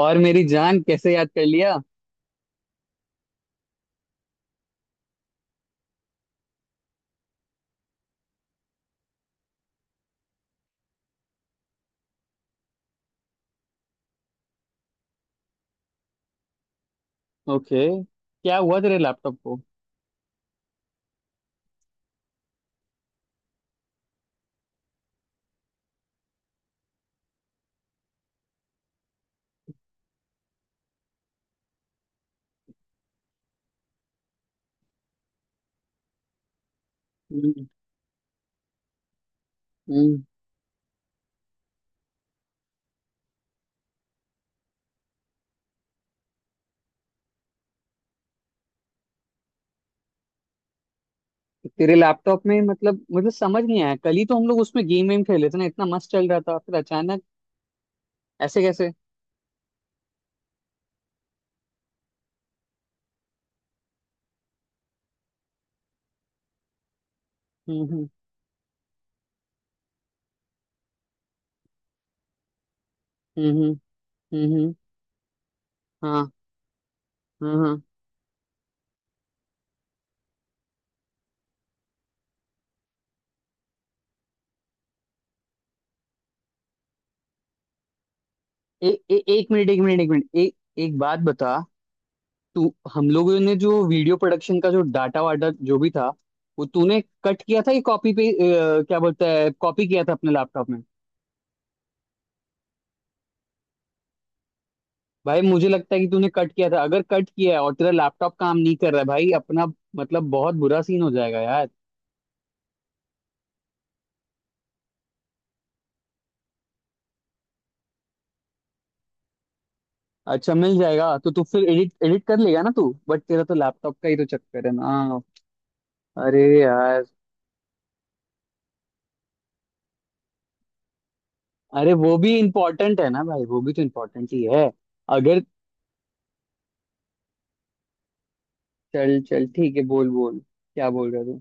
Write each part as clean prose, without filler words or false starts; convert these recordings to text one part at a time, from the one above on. और मेरी जान कैसे याद कर लिया। ओके, क्या हुआ तेरे लैपटॉप को? हम्म, हम्म। तेरे लैपटॉप में मतलब मुझे समझ नहीं आया, कल ही तो हम लोग उसमें गेम वेम खेले थे ना, इतना मस्त चल रहा था फिर अचानक ऐसे कैसे? हम्म, हम्म, हम्म, हम्म, हाँ, हाँ, हाँ। ए, ए, एक मिनट, एक मिनट, एक मिनट, ए, एक बात बता। तू, हम लोगों ने जो वीडियो प्रोडक्शन का जो डाटा वाटा जो भी था, वो तूने कट किया था या कॉपी पे? क्या बोलता है, कॉपी किया था अपने लैपटॉप में? भाई, मुझे लगता है कि तूने कट किया था। अगर कट किया है और तेरा लैपटॉप काम नहीं कर रहा है भाई अपना, मतलब बहुत बुरा सीन हो जाएगा यार। अच्छा, मिल जाएगा तो तू फिर एडिट एडिट कर लेगा ना तू, बट तेरा तो लैपटॉप का ही तो चक्कर है ना। अरे यार, अरे वो भी इम्पोर्टेंट है ना भाई, वो भी तो इम्पोर्टेंट ही है। अगर, चल चल ठीक है, बोल बोल क्या बोल रहे तू।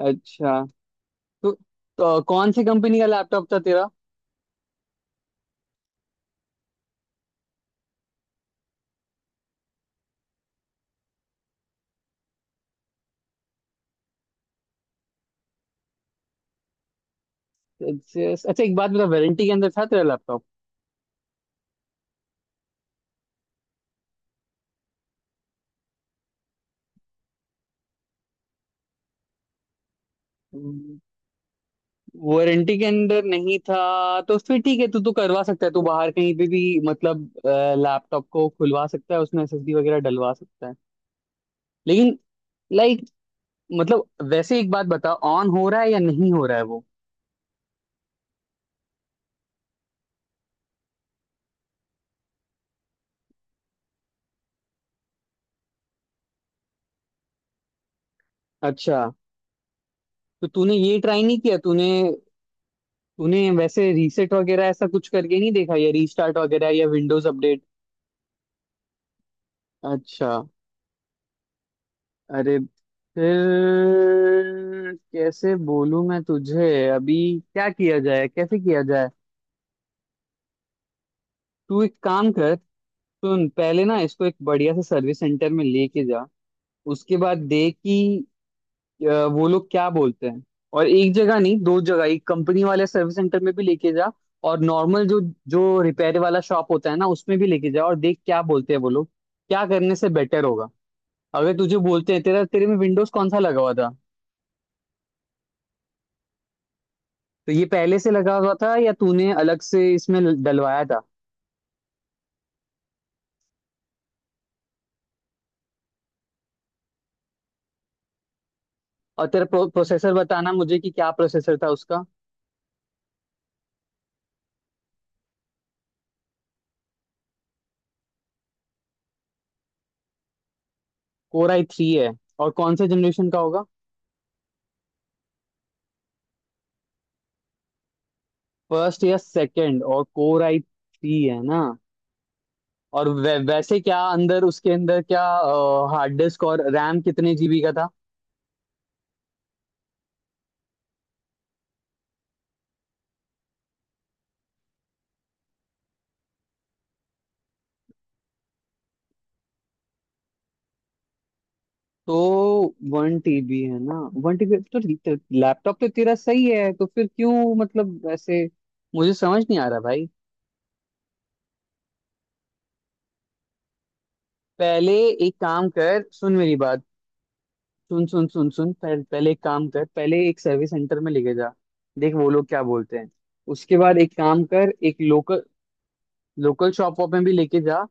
अच्छा। तो, तो कौन सी कंपनी का लैपटॉप था तेरा? अच्छा, अच्छा, एक बात बता, वारंटी के अंदर था तेरा लैपटॉप? वारंटी के अंदर नहीं था तो फिर ठीक है। तू तो करवा सकता है, तू बाहर कहीं पे भी मतलब लैपटॉप को खुलवा सकता है, उसमें एसएसडी वगैरह डलवा सकता है। लेकिन, लाइक, मतलब वैसे एक बात बता, ऑन हो रहा है या नहीं हो रहा है वो? अच्छा, तो तूने ये ट्राई नहीं किया? तूने तूने वैसे रीसेट वगैरह ऐसा कुछ करके नहीं देखा, या रीस्टार्ट वगैरह या विंडोज अपडेट? अच्छा। अरे, फिर कैसे बोलूं मैं तुझे अभी, क्या किया जाए, कैसे किया जाए। तू एक काम कर, सुन, पहले ना इसको एक बढ़िया से सर्विस सेंटर में लेके जा। उसके बाद देख कि वो लोग क्या बोलते हैं। और एक जगह नहीं, दो जगह, एक कंपनी वाले सर्विस सेंटर में भी लेके जा, और नॉर्मल जो जो रिपेयर वाला शॉप होता है ना, उसमें भी लेके जा और देख क्या बोलते हैं वो लोग, क्या करने से बेटर होगा। अगर तुझे बोलते हैं, तेरा तेरे में विंडोज कौन सा लगा हुआ था? तो ये पहले से लगा हुआ था या तूने अलग से इसमें डलवाया था? और तेरा प्रोसेसर बताना मुझे कि क्या प्रोसेसर था उसका। कोर आई थ्री है? और कौन से जनरेशन का होगा? फर्स्ट या सेकंड, और कोर आई थ्री है ना? और वैसे क्या अंदर, उसके अंदर क्या हार्ड डिस्क और रैम कितने जीबी का था? तो 1 टीबी है ना? One TB. तो लैपटॉप तो तेरा सही है, तो फिर क्यों, मतलब ऐसे, मुझे समझ नहीं आ रहा भाई। पहले एक काम कर, सुन मेरी बात। सुन, सुन, सुन, सुन, पहले एक काम कर, पहले एक सर्विस सेंटर में लेके जा। देख वो लोग क्या बोलते हैं। उसके बाद एक काम कर, एक लोकल लोकल शॉप वॉप में भी लेके जा।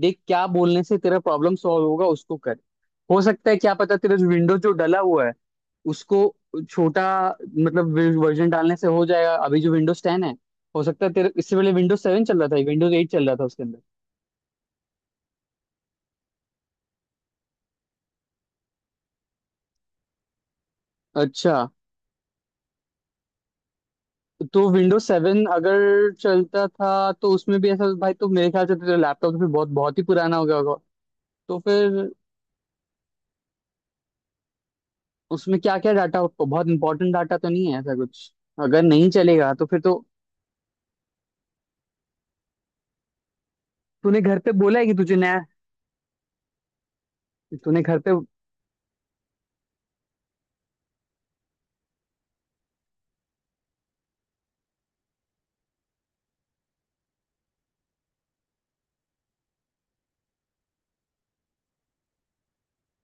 देख क्या बोलने से तेरा प्रॉब्लम सॉल्व होगा, उसको कर। हो सकता है, क्या पता, तेरा जो विंडो जो डला हुआ है, उसको छोटा, मतलब वर्जन डालने से हो जाएगा। अभी जो विंडोज 10 है, हो सकता है तेरे इससे पहले विंडोज 7 चल रहा था, विंडोज 8 चल रहा था उसके अंदर। अच्छा। तो विंडोज सेवन अगर चलता था तो उसमें भी ऐसा, भाई तो मेरे ख्याल से तो तेरा लैपटॉप तो फिर बहुत बहुत ही पुराना हो गया होगा। तो फिर उसमें क्या क्या डाटा, बहुत इंपॉर्टेंट डाटा तो नहीं है ऐसा कुछ? अगर नहीं चलेगा तो फिर तो, तूने घर पे बोला है कि तुझे नया, तूने घर पे,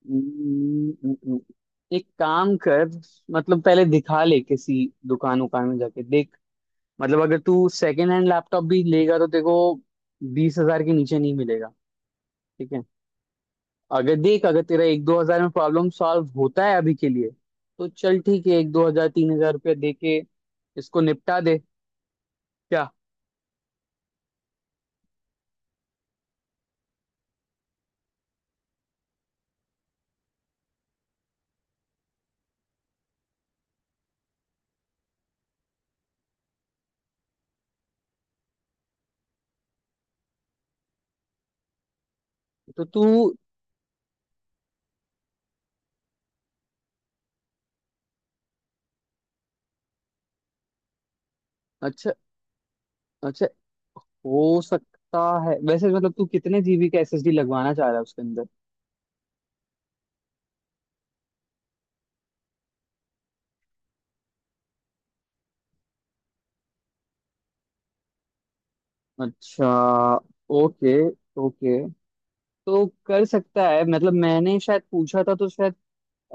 हम्म, एक काम कर, मतलब पहले दिखा ले किसी दुकान उकान में जाके देख। मतलब अगर तू सेकंड हैंड लैपटॉप भी लेगा तो तेरे को 20,000 के नीचे नहीं मिलेगा। ठीक है? अगर देख, अगर तेरा एक दो हजार में प्रॉब्लम सॉल्व होता है अभी के लिए, तो चल ठीक है, एक दो हजार, 3,000 रुपया दे के इसको निपटा दे। क्या? तो तू, अच्छा, अच्छा, हो सकता है। वैसे मतलब तू कितने जीबी का एसएसडी लगवाना चाह रहा है उसके अंदर? अच्छा। Okay, okay. तो कर सकता है, मतलब मैंने शायद पूछा था, तो शायद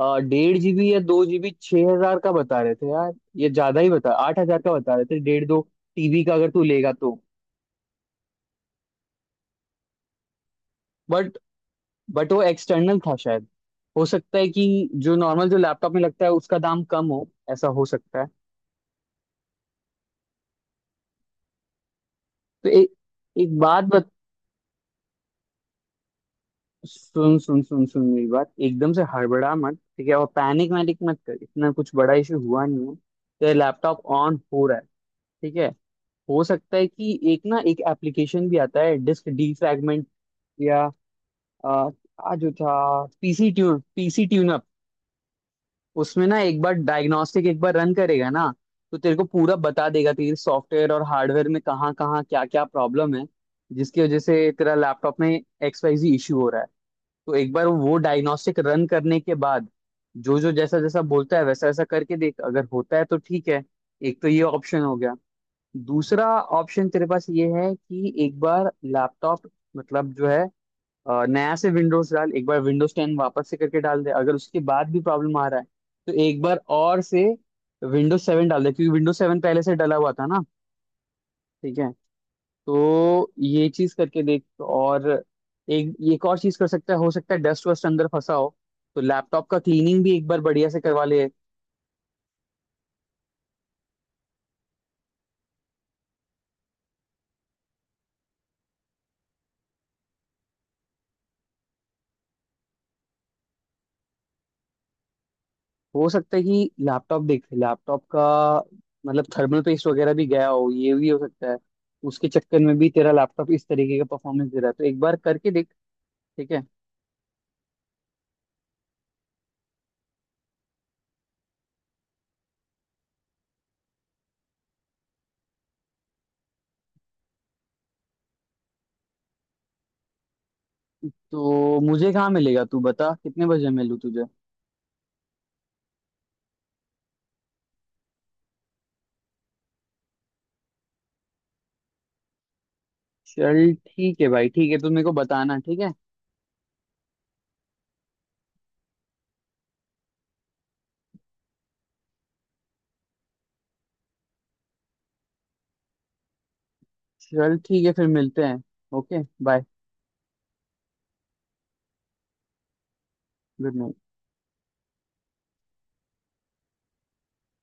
1.5 जीबी या 2 जीबी 6,000 का बता रहे थे यार। ये ज्यादा ही बता, 8,000 का बता रहे थे डेढ़ दो टीबी का अगर तू लेगा तो। बट बट वो एक्सटर्नल था शायद। हो सकता है कि जो नॉर्मल जो लैपटॉप में लगता है उसका दाम कम हो, ऐसा हो सकता है। तो ए, एक बात सुन। सुन, सुन, सुन, मेरी बात, एकदम से हड़बड़ा मत। ठीक है? और पैनिक वैनिक मत कर, इतना कुछ बड़ा इशू हुआ नहीं है। तेरा लैपटॉप ऑन हो रहा है, ठीक है? हो सकता है कि, एक ना एक एप्लीकेशन भी आता है, डिस्क डीफ्रैगमेंट, या आ, आ जो था, पीसी ट्यूनअप। उसमें ना एक बार डायग्नोस्टिक एक बार रन करेगा ना, तो तेरे को पूरा बता देगा, तेरे सॉफ्टवेयर और हार्डवेयर में कहाँ कहाँ, क्या क्या प्रॉब्लम है, जिसकी वजह से तेरा लैपटॉप में एक्स वाई जी इशू हो रहा है। तो एक बार वो डायग्नोस्टिक रन करने के बाद जो जो, जैसा जैसा बोलता है, वैसा वैसा करके देख। अगर होता है तो ठीक है। एक तो ये ऑप्शन हो गया। दूसरा ऑप्शन तेरे पास ये है कि एक बार लैपटॉप मतलब जो है, नया से विंडोज डाल। एक बार विंडोज टेन वापस से करके डाल दे। अगर उसके बाद भी प्रॉब्लम आ रहा है तो एक बार और से विंडोज सेवन डाल दे, क्योंकि विंडोज सेवन पहले से डला हुआ था ना। ठीक है? तो ये चीज करके देख। और एक एक और चीज कर सकता है, हो सकता है डस्ट वस्ट अंदर फंसा हो, तो लैपटॉप का क्लीनिंग भी एक बार बढ़िया से करवा ले। हो सकता है कि लैपटॉप, देख, लैपटॉप का मतलब थर्मल पेस्ट वगैरह भी गया हो, ये भी हो सकता है। उसके चक्कर में भी तेरा लैपटॉप इस तरीके का परफॉर्मेंस दे रहा है, तो एक बार करके देख। ठीक है? तो मुझे कहाँ मिलेगा, तू बता कितने बजे मिलूँ तुझे। चल ठीक है भाई, ठीक है, तू मेरे को बताना। ठीक है। चल ठीक है, फिर मिलते हैं। Okay, bye. Good night.